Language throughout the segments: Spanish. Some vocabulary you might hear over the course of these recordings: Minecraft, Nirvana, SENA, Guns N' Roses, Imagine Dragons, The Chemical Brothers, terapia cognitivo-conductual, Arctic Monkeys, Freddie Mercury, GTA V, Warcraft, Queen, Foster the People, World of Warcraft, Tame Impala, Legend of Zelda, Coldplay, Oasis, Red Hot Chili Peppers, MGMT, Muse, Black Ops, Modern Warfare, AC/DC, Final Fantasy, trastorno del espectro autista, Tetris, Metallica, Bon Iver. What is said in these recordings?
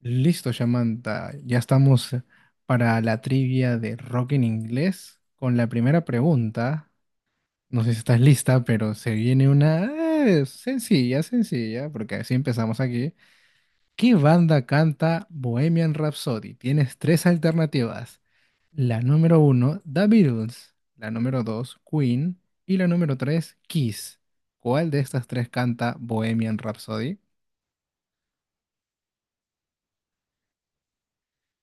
Listo, Samantha. Ya estamos para la trivia de rock en inglés con la primera pregunta. No sé si estás lista, pero se viene una sencilla, sencilla, porque así empezamos aquí. ¿Qué banda canta Bohemian Rhapsody? Tienes tres alternativas. La número uno, The Beatles. La número dos, Queen. Y la número tres, Kiss. ¿Cuál de estas tres canta Bohemian Rhapsody?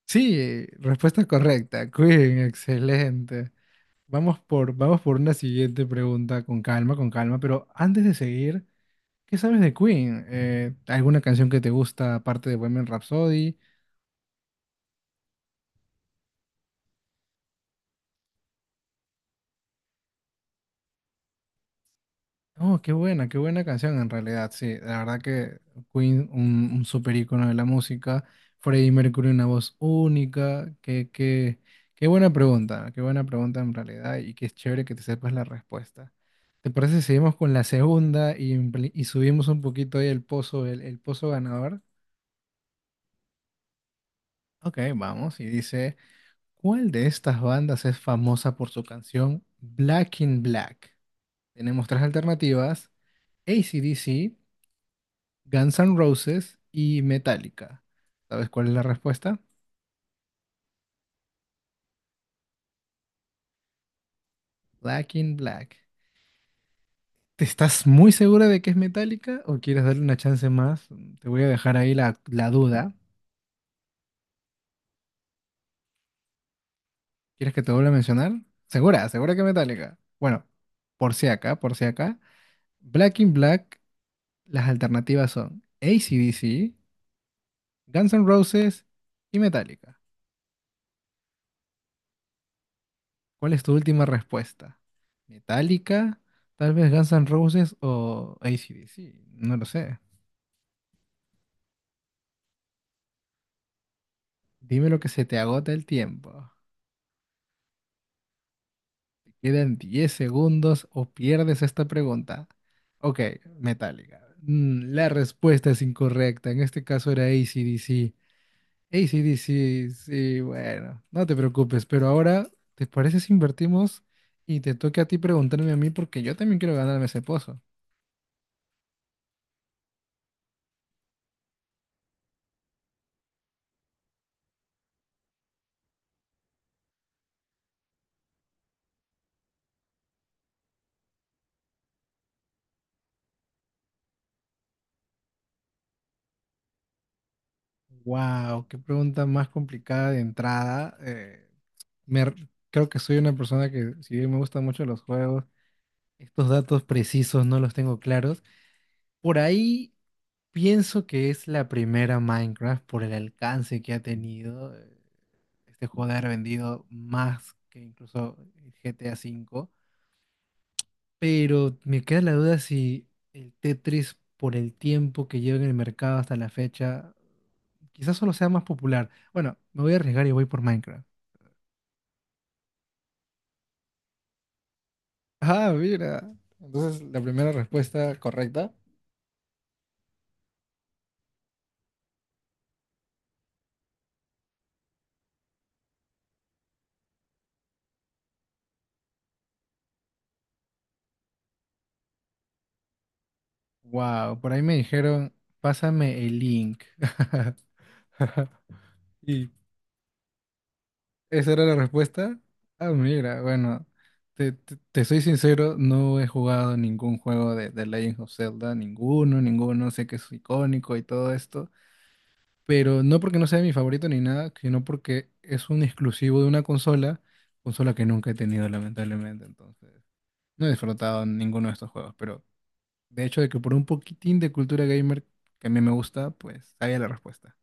Sí, respuesta correcta. Queen, excelente. Vamos por una siguiente pregunta con calma, pero antes de seguir, ¿qué sabes de Queen? ¿Alguna canción que te gusta aparte de Women Rhapsody? Oh, qué buena canción en realidad, sí, la verdad que Queen, un súper ícono de la música, Freddie Mercury, una voz única, qué buena pregunta en realidad y qué chévere que te sepas la respuesta. ¿Te parece si seguimos con la segunda y subimos un poquito ahí el pozo, el pozo ganador? Ok, vamos. Y dice, ¿cuál de estas bandas es famosa por su canción Black in Black? Tenemos tres alternativas, AC/DC, Guns N' Roses y Metallica. ¿Sabes cuál es la respuesta? Black in Black. ¿Te estás muy segura de que es Metallica o quieres darle una chance más? Te voy a dejar ahí la duda. ¿Quieres que te vuelva a mencionar? Segura, segura que Metallica. Bueno, por si acá, por si acá. Black in Black, las alternativas son AC/DC, Guns N' Roses y Metallica. ¿Cuál es tu última respuesta? ¿Metallica? ¿Tal vez Guns N' Roses o AC/DC? No lo sé. Dime lo que se te agota el tiempo. Te quedan 10 segundos o pierdes esta pregunta. Ok, Metallica. La respuesta es incorrecta. En este caso era AC/DC. AC/DC, sí, bueno, no te preocupes, pero ahora, ¿te parece si invertimos y te toca a ti preguntarme a mí porque yo también quiero ganarme ese pozo? Wow, qué pregunta más complicada de entrada. Creo que soy una persona que, si bien me gustan mucho los juegos, estos datos precisos no los tengo claros. Por ahí pienso que es la primera Minecraft por el alcance que ha tenido. Este juego de haber vendido más que incluso el GTA V. Pero me queda la duda si el Tetris, por el tiempo que lleva en el mercado hasta la fecha, quizás solo sea más popular. Bueno, me voy a arriesgar y voy por Minecraft. Ah, mira. Entonces, la primera respuesta correcta. Wow, por ahí me dijeron, pásame el link. ¿Y esa era la respuesta? Ah, mira, bueno, te soy sincero, no he jugado ningún juego de Legend of Zelda, ninguno, ninguno, sé que es icónico y todo esto, pero no porque no sea mi favorito ni nada, sino porque es un exclusivo de una consola, consola que nunca he tenido lamentablemente, entonces no he disfrutado ninguno de estos juegos, pero de hecho de que por un poquitín de cultura gamer que a mí me gusta, pues sabía la respuesta.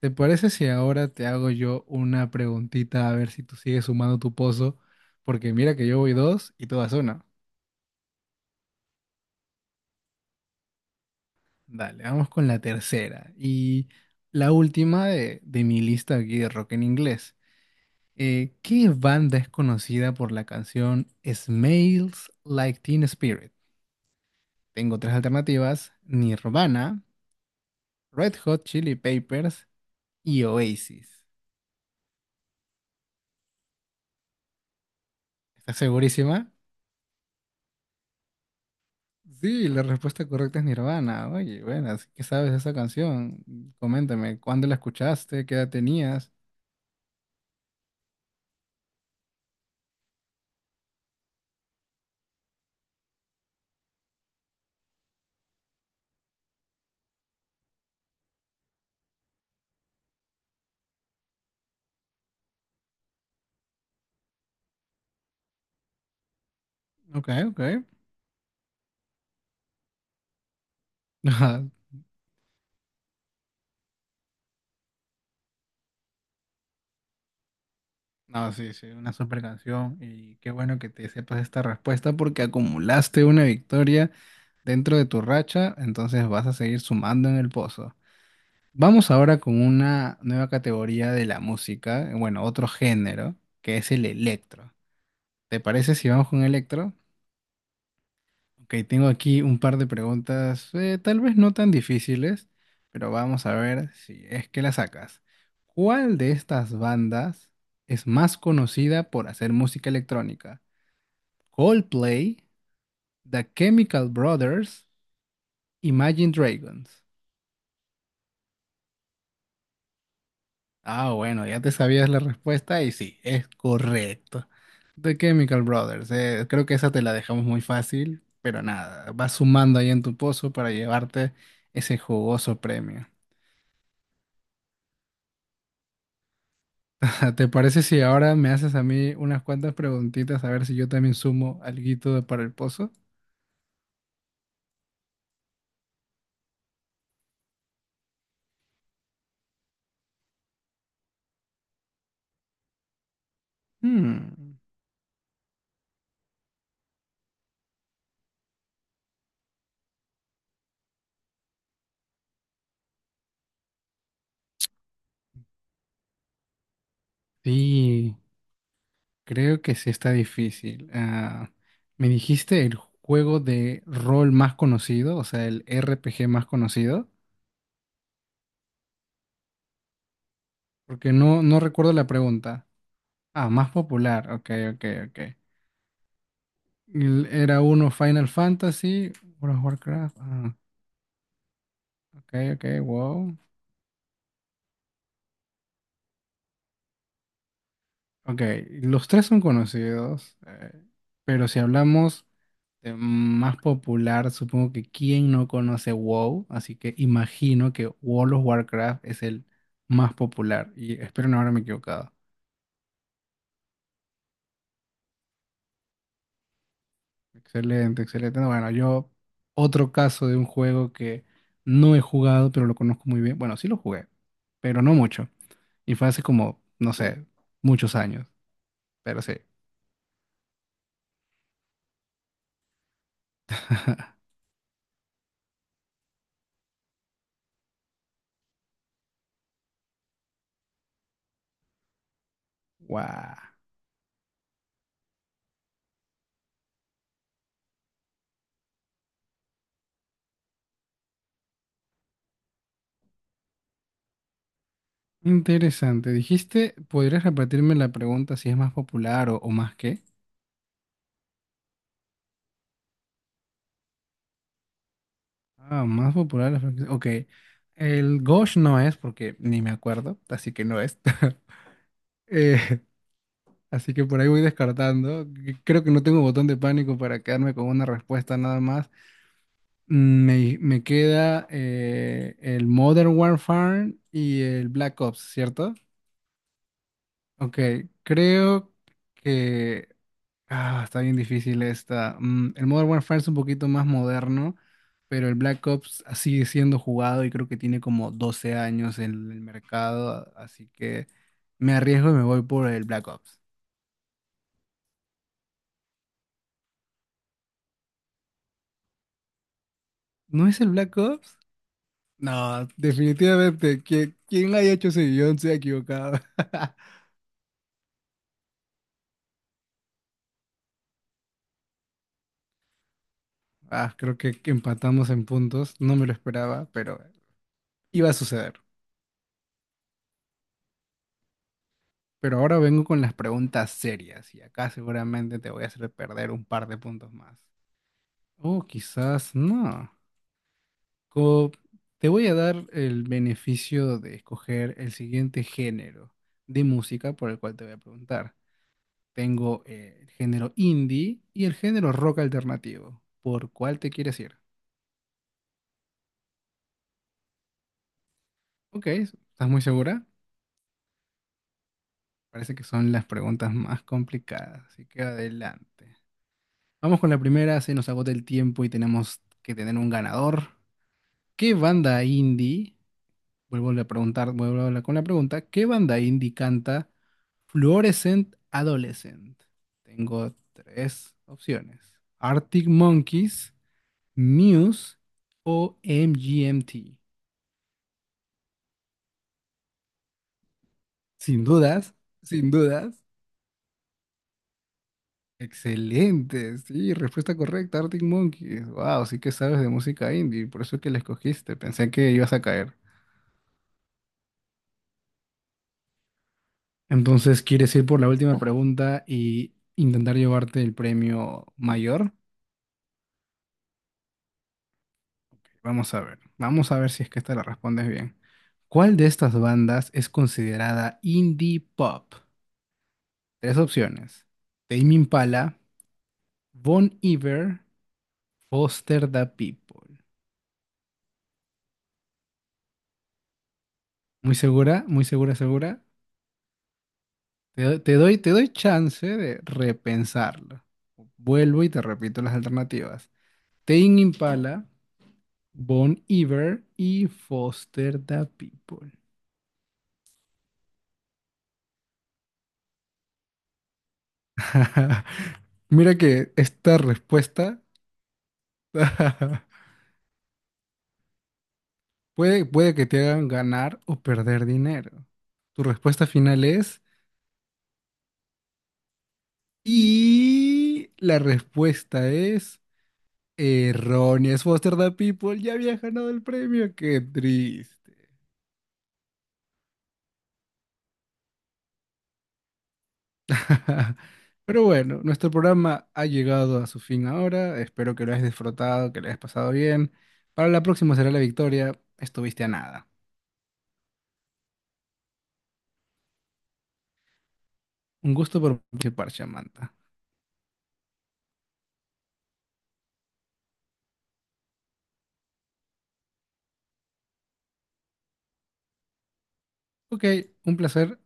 ¿Te parece si ahora te hago yo una preguntita a ver si tú sigues sumando tu pozo? Porque mira que yo voy dos y tú vas una. Dale, vamos con la tercera y la última de mi lista aquí de rock en inglés. ¿Qué banda es conocida por la canción Smells Like Teen Spirit? Tengo tres alternativas: Nirvana, Red Hot Chili Peppers y Oasis. ¿Estás segurísima? Sí, la respuesta correcta es Nirvana. Oye, bueno, así que sabes de esa canción. Coméntame, ¿cuándo la escuchaste? ¿Qué edad tenías? Ok, ok. No, sí, sí, una super canción y qué bueno que te sepas esta respuesta porque acumulaste una victoria dentro de tu racha, entonces vas a seguir sumando en el pozo. Vamos ahora con una nueva categoría de la música, bueno, otro género, que es el electro. ¿Te parece si vamos con electro? Ok, tengo aquí un par de preguntas, tal vez no tan difíciles, pero vamos a ver si es que las sacas. ¿Cuál de estas bandas es más conocida por hacer música electrónica? Coldplay, The Chemical Brothers, Imagine Dragons. Ah, bueno, ya te sabías la respuesta y sí, es correcto. The Chemical Brothers, creo que esa te la dejamos muy fácil, pero nada, vas sumando ahí en tu pozo para llevarte ese jugoso premio. ¿Te parece si ahora me haces a mí unas cuantas preguntitas a ver si yo también sumo para el pozo? Hmm, sí, creo que sí está difícil. Ah, ¿me dijiste el juego de rol más conocido, o sea, el RPG más conocido? Porque no, no recuerdo la pregunta. Ah, más popular, ok, ok, ok. Era uno Final Fantasy, uno Warcraft, ah, ok, ok, wow. Ok, los tres son conocidos, pero si hablamos de más popular, supongo que quién no conoce WoW, así que imagino que World of Warcraft es el más popular y espero no haberme equivocado. Excelente, excelente. No, bueno, yo otro caso de un juego que no he jugado, pero lo conozco muy bien. Bueno, sí lo jugué, pero no mucho. Y fue hace como, no sé, muchos años, pero sí. Wow. Interesante. Dijiste, ¿podrías repetirme la pregunta si es más popular o más qué? Ah, más popular la franquicia. Ok. El Ghosh no es porque ni me acuerdo, así que no es. Eh, así que por ahí voy descartando. Creo que no tengo botón de pánico para quedarme con una respuesta nada más. Me queda el Modern Warfare y el Black Ops, ¿cierto? Ok, creo que... Ah, está bien difícil esta. El Modern Warfare es un poquito más moderno, pero el Black Ops sigue siendo jugado y creo que tiene como 12 años en el mercado, así que me arriesgo y me voy por el Black Ops. ¿No es el Black Ops? No, definitivamente. Quien haya hecho ese guión se ha equivocado. Ah, creo que empatamos en puntos. No me lo esperaba, pero iba a suceder. Pero ahora vengo con las preguntas serias y acá seguramente te voy a hacer perder un par de puntos más. Oh, quizás no. Co- te voy a dar el beneficio de escoger el siguiente género de música por el cual te voy a preguntar. Tengo el género indie y el género rock alternativo. ¿Por cuál te quieres ir? Ok, ¿estás muy segura? Parece que son las preguntas más complicadas, así que adelante. Vamos con la primera, se nos agota el tiempo y tenemos que tener un ganador. ¿Qué banda indie... Vuelvo a preguntar, vuelvo a hablar con la pregunta, ¿qué banda indie canta Fluorescent Adolescent? Tengo tres opciones. Arctic Monkeys, Muse o MGMT. Sin dudas, sin dudas. Excelente, sí, respuesta correcta, Arctic Monkeys. Wow, sí que sabes de música indie, por eso es que la escogiste, pensé que ibas a caer. Entonces, ¿quieres ir por la última pregunta y intentar llevarte el premio mayor? Vamos a ver si es que esta la respondes bien. ¿Cuál de estas bandas es considerada indie pop? Tres opciones. Tame Impala, Bon Iver, Foster the People. ¿Muy segura? ¿Muy segura, segura? Te doy chance de repensarlo. Vuelvo y te repito las alternativas. Tame Impala, Bon Iver y Foster the People. Mira que esta respuesta... Puede, puede que te hagan ganar o perder dinero. Tu respuesta final es... Y la respuesta es... Errónea. Es Foster the People. Ya había ganado el premio. Qué triste. Pero bueno, nuestro programa ha llegado a su fin ahora. Espero que lo hayas disfrutado, que lo hayas pasado bien. Para la próxima será la victoria. Estuviste a nada. Un gusto por participar, Samantha. Ok, un placer.